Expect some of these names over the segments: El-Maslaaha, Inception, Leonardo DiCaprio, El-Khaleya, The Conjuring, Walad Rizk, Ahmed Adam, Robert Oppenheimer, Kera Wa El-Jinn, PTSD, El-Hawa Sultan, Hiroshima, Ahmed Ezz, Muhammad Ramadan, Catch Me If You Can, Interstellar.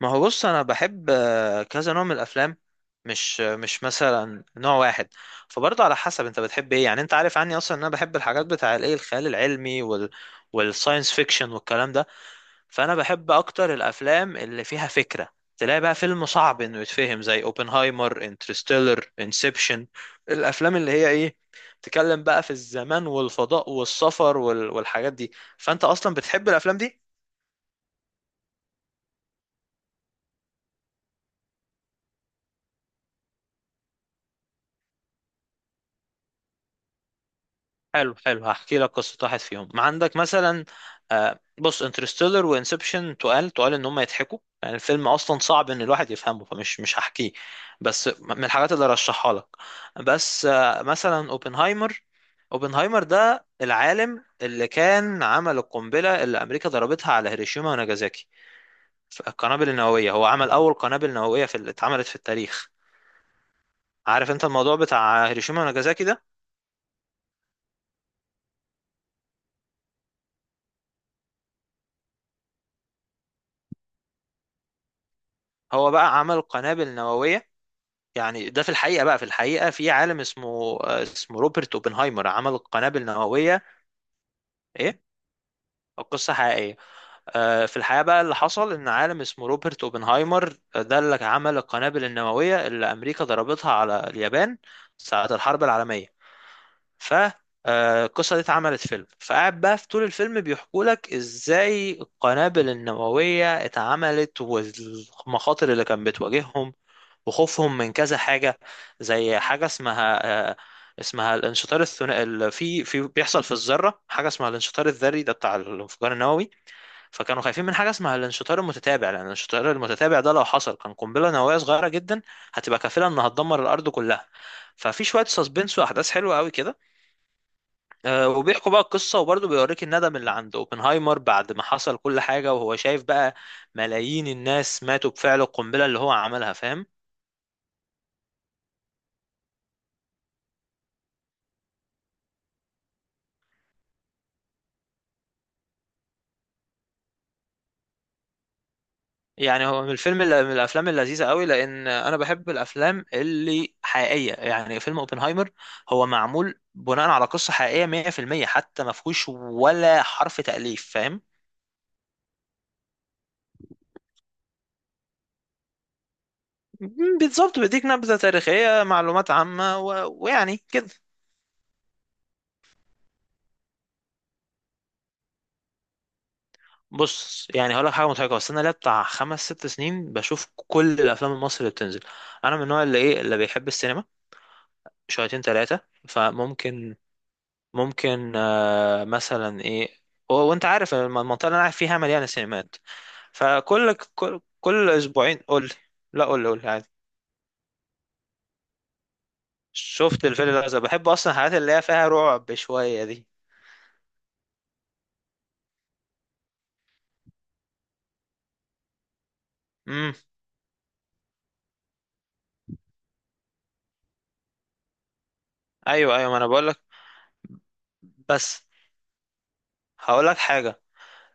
ما هو بص انا بحب كذا نوع من الافلام. مش مثلا نوع واحد. فبرضه على حسب انت بتحب ايه، يعني انت عارف عني اصلا ان انا بحب الحاجات بتاع الايه، الخيال العلمي والساينس فيكشن والكلام ده. فانا بحب اكتر الافلام اللي فيها فكرة. تلاقي بقى فيلم صعب انه يتفهم زي اوبنهايمر، انترستيلر، انسبشن. الافلام اللي هي ايه، بتتكلم بقى في الزمان والفضاء والسفر والحاجات دي. فانت اصلا بتحب الافلام دي. حلو حلو، هحكي لك قصة واحد فيهم ما عندك مثلا. بص، انترستيلر وانسبشن تقال ان هم يضحكوا، يعني الفيلم اصلا صعب ان الواحد يفهمه، فمش مش هحكيه. بس من الحاجات اللي رشحها لك. بس مثلا اوبنهايمر. اوبنهايمر ده العالم اللي كان عمل القنبلة اللي امريكا ضربتها على هيروشيما وناجازاكي. القنابل النووية، هو عمل اول قنابل نووية في اللي اتعملت في التاريخ. عارف انت الموضوع بتاع هيروشيما وناجازاكي ده. هو بقى عمل قنابل نووية، يعني ده في الحقيقة بقى، في الحقيقة في عالم اسمه روبرت اوبنهايمر عمل القنابل النووية. ايه، قصة حقيقية. في الحقيقة بقى، اللي حصل ان عالم اسمه روبرت اوبنهايمر ده اللي عمل القنابل النووية اللي امريكا ضربتها على اليابان ساعة الحرب العالمية. ف القصة دي اتعملت فيلم، فقاعد بقى في طول الفيلم بيحكوا لك ازاي القنابل النووية اتعملت والمخاطر اللي كانت بتواجههم وخوفهم من كذا حاجة. زي حاجة اسمها اسمها الانشطار الثنائي. في بيحصل في الذرة حاجة اسمها الانشطار الذري، ده بتاع الانفجار النووي. فكانوا خايفين من حاجة اسمها الانشطار المتتابع، لأن الانشطار المتتابع ده لو حصل كان قنبلة نووية صغيرة جدا هتبقى كافلة إنها تدمر الأرض كلها. ففي شوية سسبنس وأحداث حلوة قوي كده. وبيحكوا بقى القصة، وبرضه بيوريك الندم اللي عند اوبنهايمر بعد ما حصل كل حاجة، وهو شايف بقى ملايين الناس ماتوا بفعل القنبلة اللي هو عملها، فاهم؟ يعني هو من الفيلم اللي من الافلام اللذيذه قوي، لان انا بحب الافلام اللي حقيقيه. يعني فيلم اوبنهايمر هو معمول بناء على قصه حقيقيه 100%، حتى ما فيهوش ولا حرف تاليف، فاهم؟ بالظبط، بيديك نبذه تاريخيه، معلومات عامه ويعني كده. بص، يعني هقول لك حاجه مضحكه، بس انا ليا بتاع خمس ست سنين بشوف كل الافلام المصري اللي بتنزل. انا من النوع اللي ايه، اللي بيحب السينما شويتين ثلاثه. فممكن، ممكن مثلا ايه. وانت عارف المنطقه اللي انا قاعد فيها مليانه سينمات. فكل كل, كل اسبوعين قول لي. لا قول لي، قول لي عادي. شفت الفيل الازرق، بحب اصلا الحاجات اللي هي فيها رعب شويه دي. امم. ايوه ايوه، ما انا بقول لك. بس هقول لك حاجه.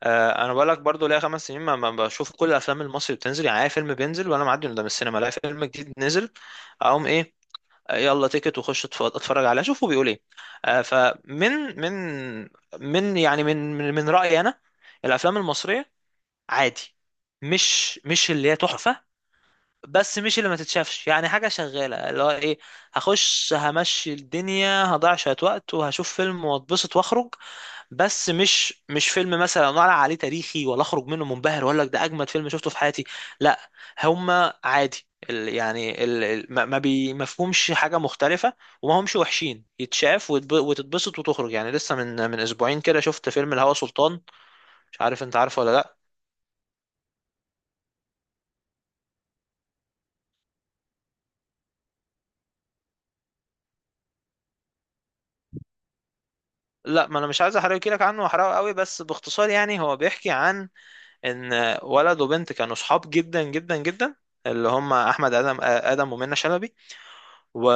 آه انا بقول لك، برضو ليا 5 سنين ما بشوف كل الافلام المصري بتنزل، يعني اي فيلم بينزل وانا معدي قدام السينما الاقي فيلم جديد نزل، اقوم ايه، يلا تيكت وخش اتفرج عليها، شوفوا بيقول ايه. فمن من يعني من من من رأيي انا، الافلام المصرية عادي، مش اللي هي تحفة، بس مش اللي ما تتشافش. يعني حاجة شغالة اللي هو ايه، هخش همشي الدنيا، هضيع شوية وقت وهشوف فيلم واتبسط واخرج. بس مش فيلم مثلا ولا عليه تاريخي، ولا اخرج منه منبهر، ولا ده اجمد فيلم شفته في حياتي، لا. هما عادي. يعني ما فيهمش حاجة مختلفة، وما همش وحشين، يتشاف وتتبسط وتخرج. يعني لسه من اسبوعين كده شفت فيلم الهوى سلطان، مش عارف انت عارفه ولا لا. لا ما انا مش عايز احرق لك عنه، واحرقه قوي، بس باختصار يعني هو بيحكي عن ان ولد وبنت كانوا صحاب جدا جدا جدا، اللي هم احمد ادم ومنى شلبي. و...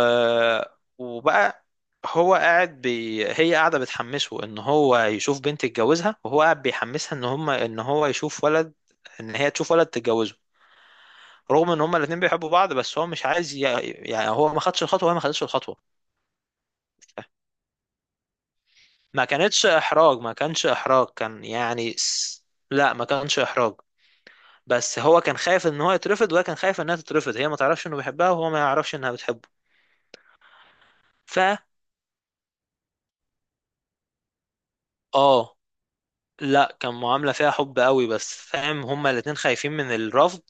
وبقى هو هي قاعده بتحمسه ان هو يشوف بنت يتجوزها، وهو قاعد بيحمسها ان هم ان هو يشوف ولد، ان هي تشوف ولد تتجوزه، رغم ان هما الاتنين بيحبوا بعض. بس هو مش عايز يعني هو ما خدش الخطوه وهي ما خدتش الخطوه. ما كانش احراج، كان يعني لا، ما كانش احراج، بس هو كان خايف ان هو يترفض وهي كان خايف انها تترفض، هي ما تعرفش انه بيحبها وهو ما يعرفش انها بتحبه. ف اه لا، كان معاملة فيها حب قوي، بس فاهم، هما الاتنين خايفين من الرفض.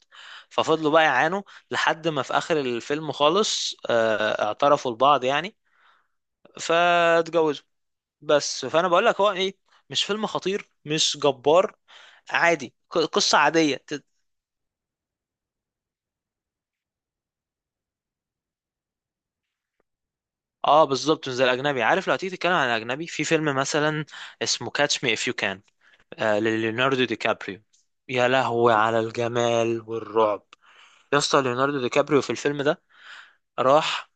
ففضلوا بقى يعانوا، لحد ما في اخر الفيلم خالص اعترفوا لبعض يعني، فاتجوزوا. بس فانا بقول لك هو ايه، مش فيلم خطير، مش جبار، عادي. قصة عادية اه بالظبط، مش زي الاجنبي. عارف لو تيجي تتكلم عن الاجنبي، في فيلم مثلا اسمه كاتش مي اف يو كان، آه لليوناردو دي كابريو، يا لهوي على الجمال والرعب. يا اسطى، ليوناردو دي كابريو في الفيلم ده راح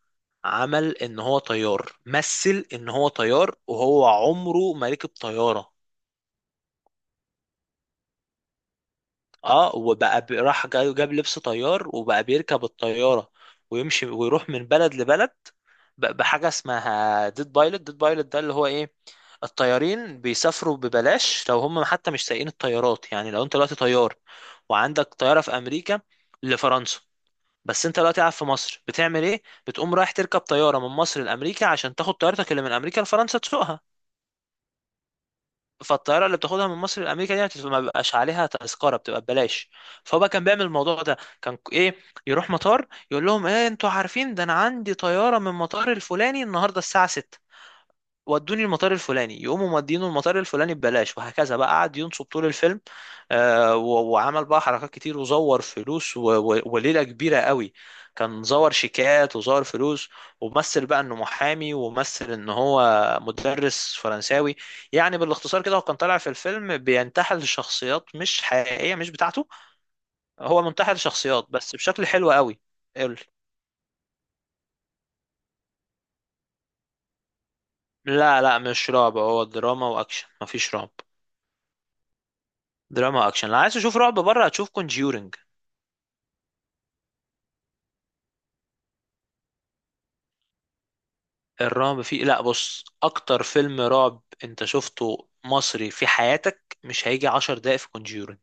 عمل ان هو طيار، مثل ان هو طيار وهو عمره ما ركب طيارة. اه، وبقى جاب لبس طيار وبقى بيركب الطيارة ويمشي ويروح من بلد لبلد بحاجة اسمها ديد بايلوت. ديد بايلوت ده اللي هو ايه، الطيارين بيسافروا ببلاش لو هم حتى مش سايقين الطيارات. يعني لو انت دلوقتي طيار وعندك طيارة في امريكا لفرنسا، بس انت دلوقتي قاعد في مصر، بتعمل ايه، بتقوم رايح تركب طيارة من مصر لامريكا عشان تاخد طيارتك اللي من امريكا لفرنسا تسوقها. فالطياره اللي بتاخدها من مصر لامريكا دي ما بيبقاش عليها تذكره، بتبقى ببلاش. فهو بقى كان بيعمل الموضوع ده. كان ايه، يروح مطار يقول لهم ايه انتوا عارفين ده، انا عندي طياره من مطار الفلاني النهارده الساعه 6، ودوني المطار الفلاني، يقوموا مودينه المطار الفلاني ببلاش، وهكذا بقى قعد ينصب طول الفيلم. وعمل بقى حركات كتير، وزور فلوس وليلة كبيرة قوي. كان زور شيكات وزور فلوس ومثل بقى انه محامي، ومثل ان هو مدرس فرنساوي. يعني بالاختصار كده هو كان طالع في الفيلم بينتحل شخصيات مش حقيقية، مش بتاعته. هو منتحل شخصيات، بس بشكل حلو قوي. قول. لا لا مش رعب، هو دراما واكشن، مفيش رعب. دراما اكشن، لو عايز تشوف رعب بره هتشوف كونجيورنج. الرعب فيه، لا بص، اكتر فيلم رعب انت شفته مصري في حياتك مش هيجي 10 دقايق في كونجيورنج.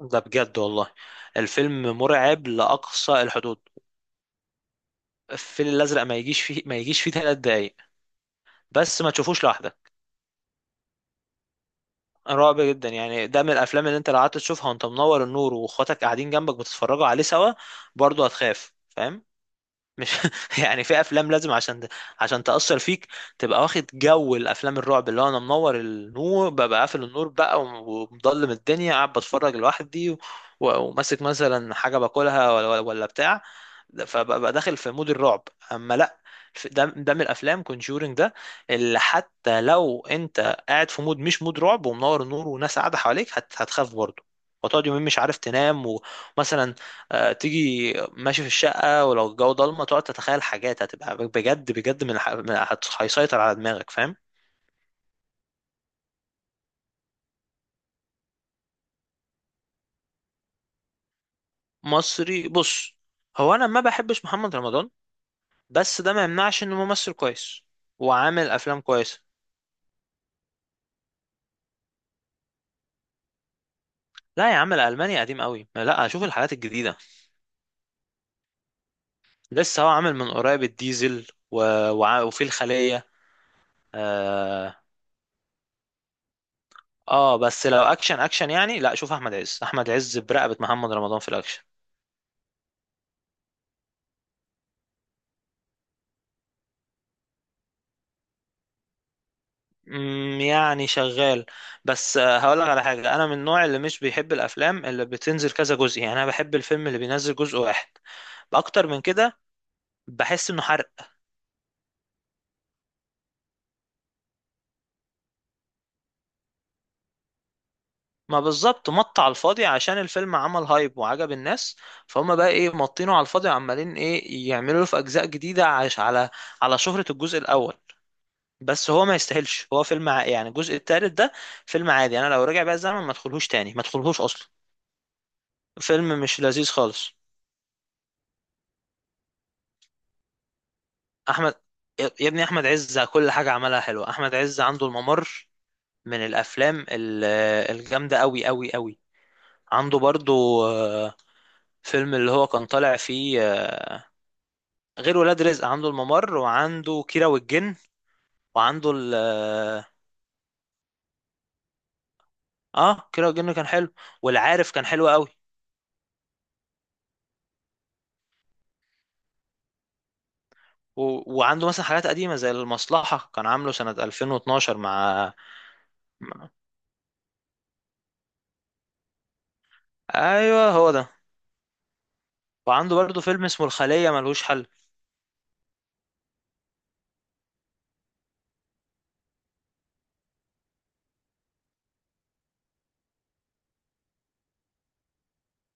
ده بجد والله، الفيلم مرعب لاقصى الحدود. الفيل الازرق ما يجيش فيه، ما يجيش فيه 3 دقايق. بس ما تشوفوش لوحدك. رعب جدا، يعني ده من الافلام اللي انت لو قعدت تشوفها وانت منور النور واخواتك قاعدين جنبك بتتفرجوا عليه سوا برضه هتخاف، فاهم؟ مش يعني في افلام لازم عشان عشان تأثر فيك، تبقى واخد جو الافلام الرعب، اللي هو انا منور النور، ببقى قافل النور بقى ومضلم الدنيا، قاعد بتفرج لوحدي وماسك مثلا حاجة باكلها ولا بتاع. فببقى داخل في مود الرعب. اما لا، ده ده من الافلام، كونجورينج ده اللي حتى لو انت قاعد في مود مش مود رعب ومنور النور وناس قاعدة حواليك، هتخاف برضه، وتقعد يومين مش عارف تنام. ومثلا تيجي ماشي في الشقة ولو الجو ضلمة، تقعد تتخيل حاجات هتبقى بجد بجد من, الح- من هت- هيسيطر على دماغك، فاهم؟ مصري بص، هو انا ما بحبش محمد رمضان، بس ده ما يمنعش انه ممثل كويس وعامل افلام كويسة. لا يا عم، الالماني قديم قوي، لا اشوف الحاجات الجديدة. لسه هو عامل من قريب الديزل و... وع- وفي الخلية آه... اه. بس لو اكشن اكشن يعني، لا شوف احمد عز، احمد عز برقبة محمد رمضان في الاكشن. مم، يعني شغال. بس هقولك على حاجة، أنا من النوع اللي مش بيحب الأفلام اللي بتنزل كذا جزء، يعني أنا بحب الفيلم اللي بينزل جزء واحد. بأكتر من كده بحس إنه حرق. ما بالظبط، مط على الفاضي عشان الفيلم عمل هايب وعجب الناس، فهم بقى إيه مطينه على الفاضي وعمالين إيه يعملوا له في أجزاء جديدة، عش على على شهرة الجزء الأول. بس هو ما يستاهلش، هو فيلم يعني الجزء التالت ده فيلم عادي، أنا لو رجع بقى الزمن ما ادخلهوش تاني، ما ادخلهوش أصلا. فيلم مش لذيذ خالص. احمد، يا ابني احمد عز كل حاجه عملها حلوه. احمد عز عنده الممر، من الافلام الجامده قوي قوي قوي. عنده برضو فيلم اللي هو كان طالع فيه غير ولاد رزق، عنده الممر وعنده كيرة والجن، وعنده ال اه كيرة والجن كان حلو، والعارف كان حلو قوي. و... وعنده مثلا حاجات قديمه زي المصلحه، كان عامله سنه 2012 مع مع- ايوه هو ده. وعنده برضو فيلم اسمه الخليه، ملهوش حل.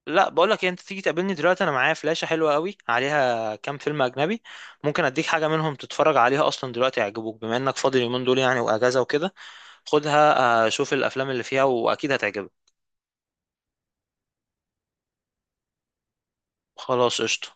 لا بقول لك إيه، انت تيجي تقابلني دلوقتي انا معايا فلاشة حلوة قوي عليها كام فيلم اجنبي، ممكن اديك حاجة منهم تتفرج عليها اصلا دلوقتي، يعجبوك بما انك فاضي اليومين دول يعني، واجازة وكده. خدها، شوف الافلام اللي فيها واكيد هتعجبك. خلاص قشطة.